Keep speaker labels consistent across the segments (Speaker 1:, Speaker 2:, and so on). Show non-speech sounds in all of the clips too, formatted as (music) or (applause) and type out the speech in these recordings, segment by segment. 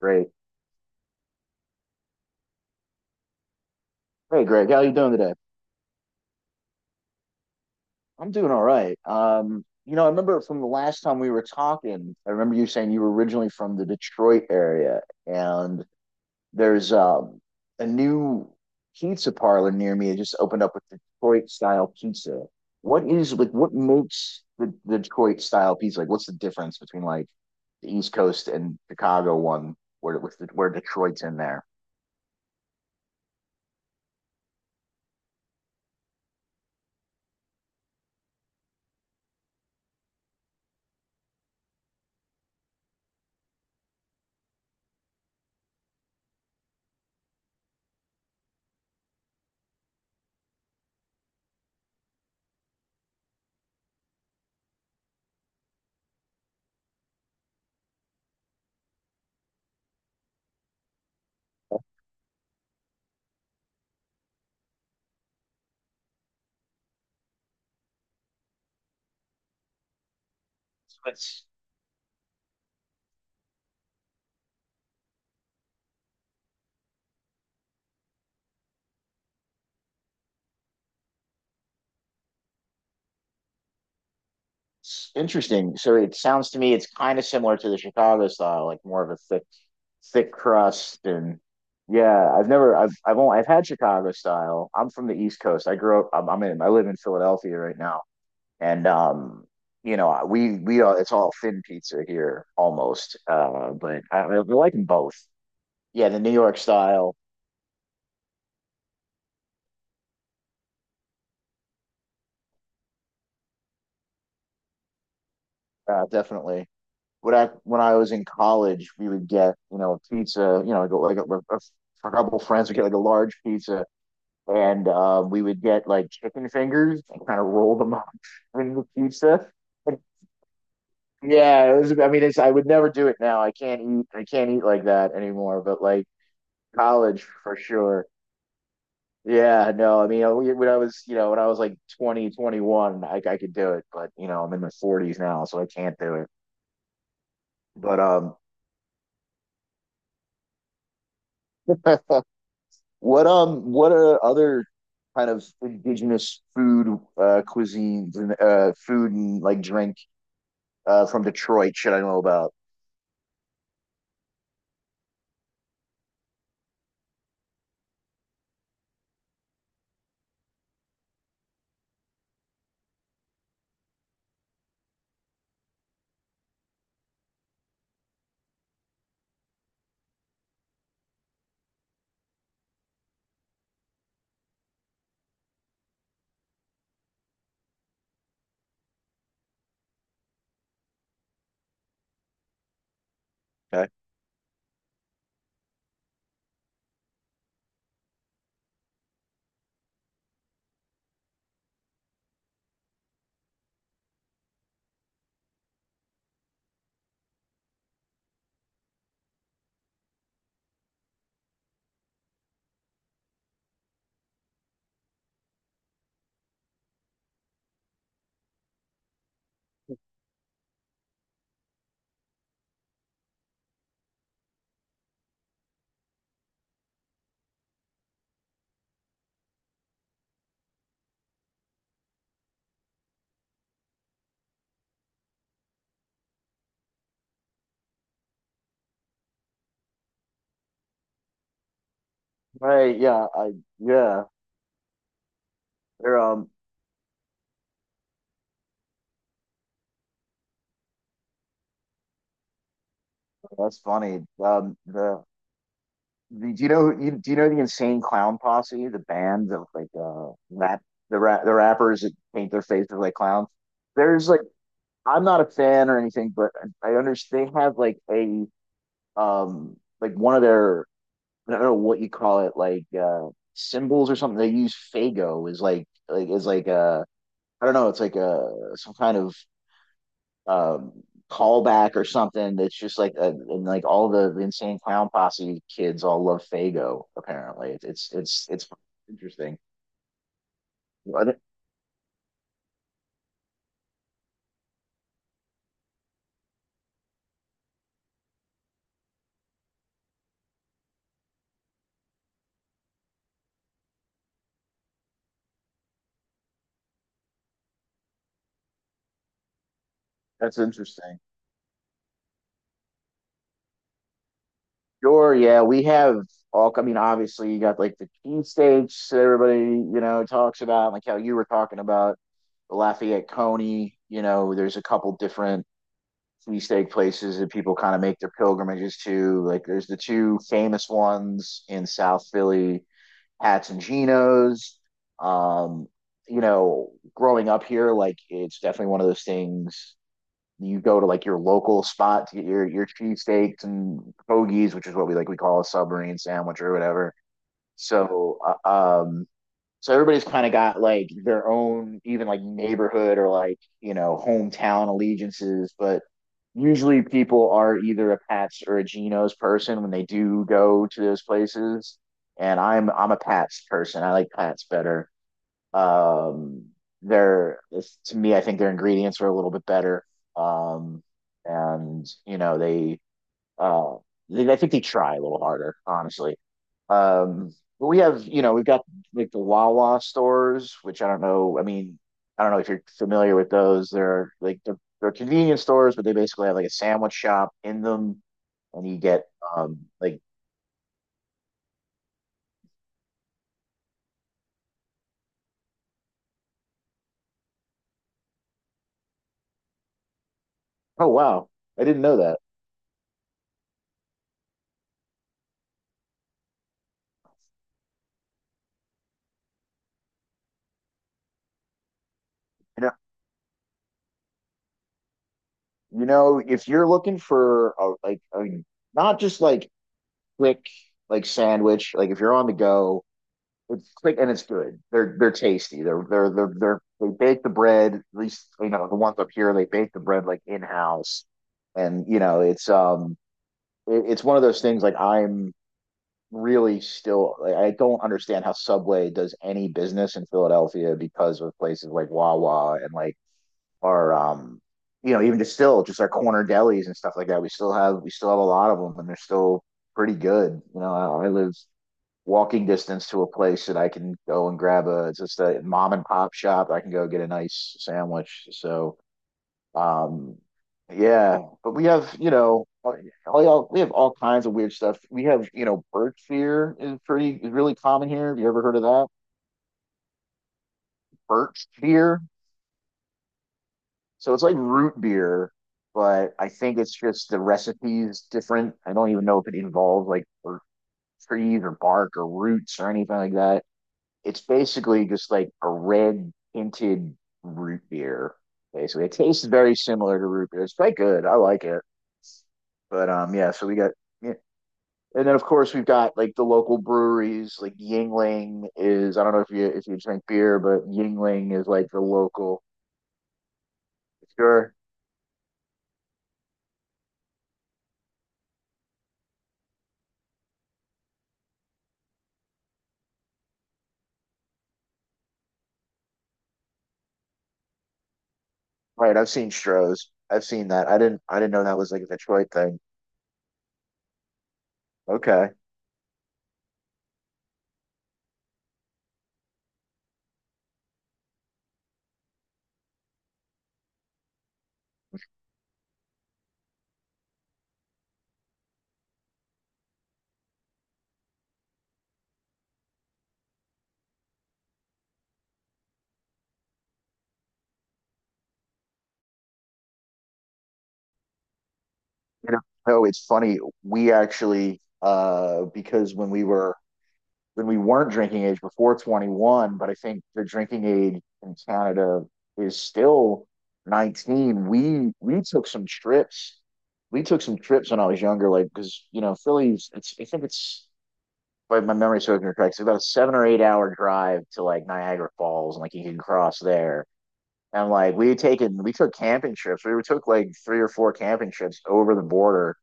Speaker 1: Great. Hey, Greg, how you doing today? I'm doing all right. You know, I remember from the last time we were talking, I remember you saying you were originally from the Detroit area, and there's a new pizza parlor near me. It just opened up with Detroit style pizza. What is like what makes the Detroit style pizza? Like, what's the difference between like the East Coast and Chicago one, where with where Detroit's in there? Interesting. So it sounds to me it's kind of similar to the Chicago style, like more of a thick crust and yeah, I've never I've I've only I've had Chicago style. I'm from the East Coast. I grew up I'm in I live in Philadelphia right now. And you know, we are it's all thin pizza here almost. But I like them both. Yeah, the New York style definitely. When I was in college, we would get, you know, pizza, you know, go like a couple friends would get like a large pizza and we would get like chicken fingers and kind of roll them (laughs) up in the pizza. And, yeah, it was. I mean, it's. I would never do it now. I can't eat like that anymore. But like college for sure. Yeah, no. I mean, when I was, you know, when I was like 20, 21, I could do it. But you know, I'm in my 40s now, so I can't do it. But what are other kind of indigenous food cuisines and food and like drink from Detroit should I know about? Okay. Right, yeah, I yeah. They're that's funny. The do you know do you know the Insane Clown Posse, the band that like rap the rappers that paint their faces like clowns? There's like I'm not a fan or anything, but I understand they have like a like one of their I don't know what you call it, like symbols or something. They use Faygo is is like I don't know, it's like a some kind of um, callback or something that's just like and like all the insane clown posse kids all love Faygo. Apparently. It's interesting. What? That's interesting. Sure, yeah, we have all. I mean, obviously, you got like the cheesesteaks that everybody you know talks about, like how you were talking about the Lafayette Coney. You know, there's a couple different cheesesteak places that people kind of make their pilgrimages to. Like, there's the two famous ones in South Philly hats and chinos. Um, you know, growing up here, like it's definitely one of those things you go to like your local spot to get your cheesesteaks and hoagies, which is what we call a submarine sandwich or whatever. So uh, um, so everybody's kind of got like their own, even like neighborhood or like, you know, hometown allegiances. But usually people are either a Pats or a Geno's person when they do go to those places. And I'm a Pats person. I like Pats better. Um, they're to me, I think their ingredients are a little bit better. Um, and you know they uh, I think they try a little harder, honestly. Um, but we have, you know, we've got like the Wawa stores, which I don't know. I mean, I don't know if you're familiar with those. They're like they're convenience stores, but they basically have like a sandwich shop in them, and you get like oh wow, I didn't know that. You know, you know, if you're looking for not just like quick like sandwich, like if you're on the go it's quick and it's good. They're tasty. They bake the bread. At least you know the ones up here they bake the bread like in house, and you know it's it, it's one of those things like I'm really still like, I don't understand how Subway does any business in Philadelphia because of places like Wawa and like our you know even just still just our corner delis and stuff like that we still have a lot of them and they're still pretty good. You know I live walking distance to a place that I can go and grab a it's just a mom and pop shop I can go get a nice sandwich. So um yeah but we have you know we have all kinds of weird stuff. We have you know birch beer is pretty is really common here. Have you ever heard of that? Birch beer. So it's like root beer, but I think it's just the recipe's different. I don't even know if it involves like or trees or bark or roots or anything like that. It's basically just like a red tinted root beer. Basically, it tastes very similar to root beer. It's quite good. I like it. But yeah. So we got yeah. And then of course we've got like the local breweries, like Yingling is I don't know if you drink beer, but Yingling is like the local. Sure. Right, I've seen Stroh's. I've seen that. I didn't know that was like a Detroit thing. Okay. You know, oh, it's funny. We actually because when we weren't drinking age before 21, but I think the drinking age in Canada is still 19. We took some trips. We took some trips when I was younger, like because you know, Philly's it's I think it's by my memory serving me correct, it's about a 7 or 8 hour drive to like Niagara Falls and like you can cross there. And like we took camping trips. We took like three or four camping trips over the border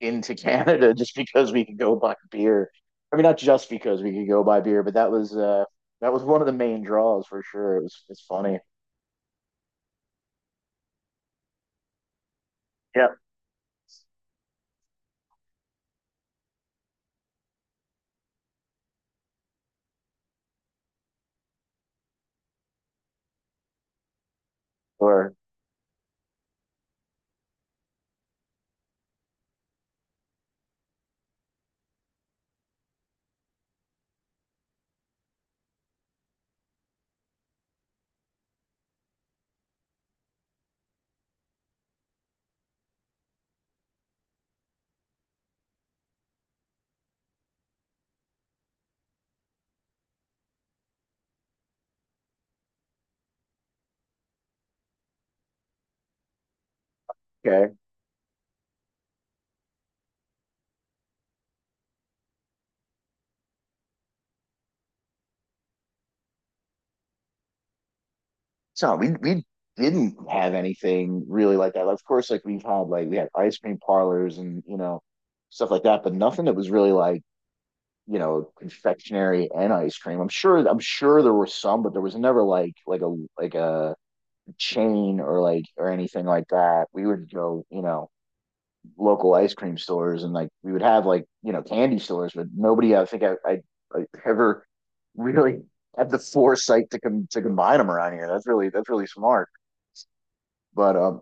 Speaker 1: into (laughs) Canada just because we could go buy beer. I mean, not just because we could go buy beer, but that was one of the main draws for sure. It was it's funny. Yeah. Or okay, so we didn't have anything really like that. Of course, like we had ice cream parlors and you know stuff like that, but nothing that was really like you know, confectionery and ice cream. I'm sure there were some, but there was never like a chain or like or anything like that. We would go, you know, local ice cream stores and like we would have like, you know, candy stores, but nobody I think I ever really had the foresight to to combine them around here. That's really smart. But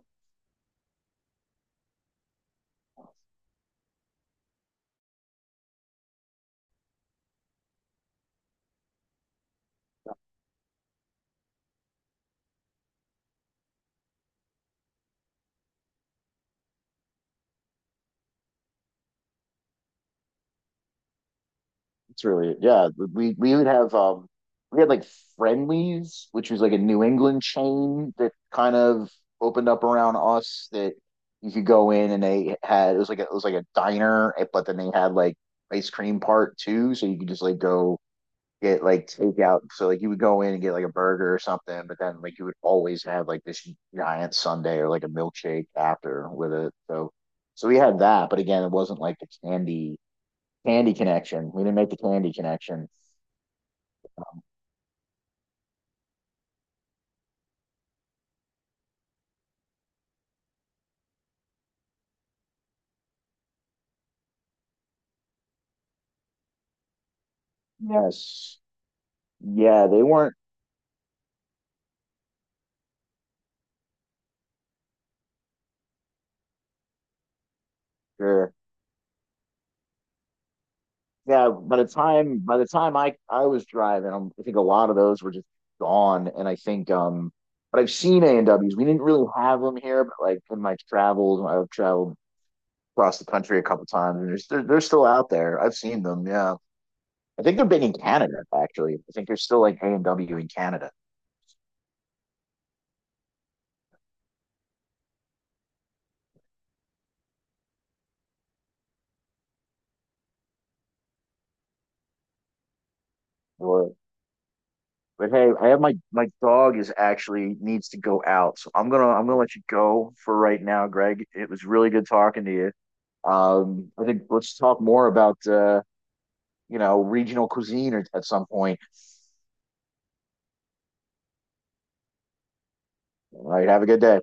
Speaker 1: it's really yeah. We would have we had like Friendlies, which was like a New England chain that kind of opened up around us that you could go in and they had it was like it was like a diner, eh, but then they had like ice cream part too, so you could just like go get like takeout. So like you would go in and get like a burger or something, but then like you would always have like this giant sundae or like a milkshake after with it. So so we had that, but again, it wasn't like the candy Candy connection. We didn't make the candy connection. Yeah. Yes. Yeah, they weren't sure. Yeah, by the time I was driving, I think a lot of those were just gone. And I think but I've seen A and W's. We didn't really have them here, but like in my travels, I've traveled across the country a couple times, and they're still out there. I've seen them. Yeah, I think they're big in Canada actually. I think they're still like A and W in Canada. Or but hey, I have my dog is actually needs to go out, so I'm gonna let you go for right now, Greg. It was really good talking to you. I think let's talk more about you know regional cuisine at some point. All right, have a good day.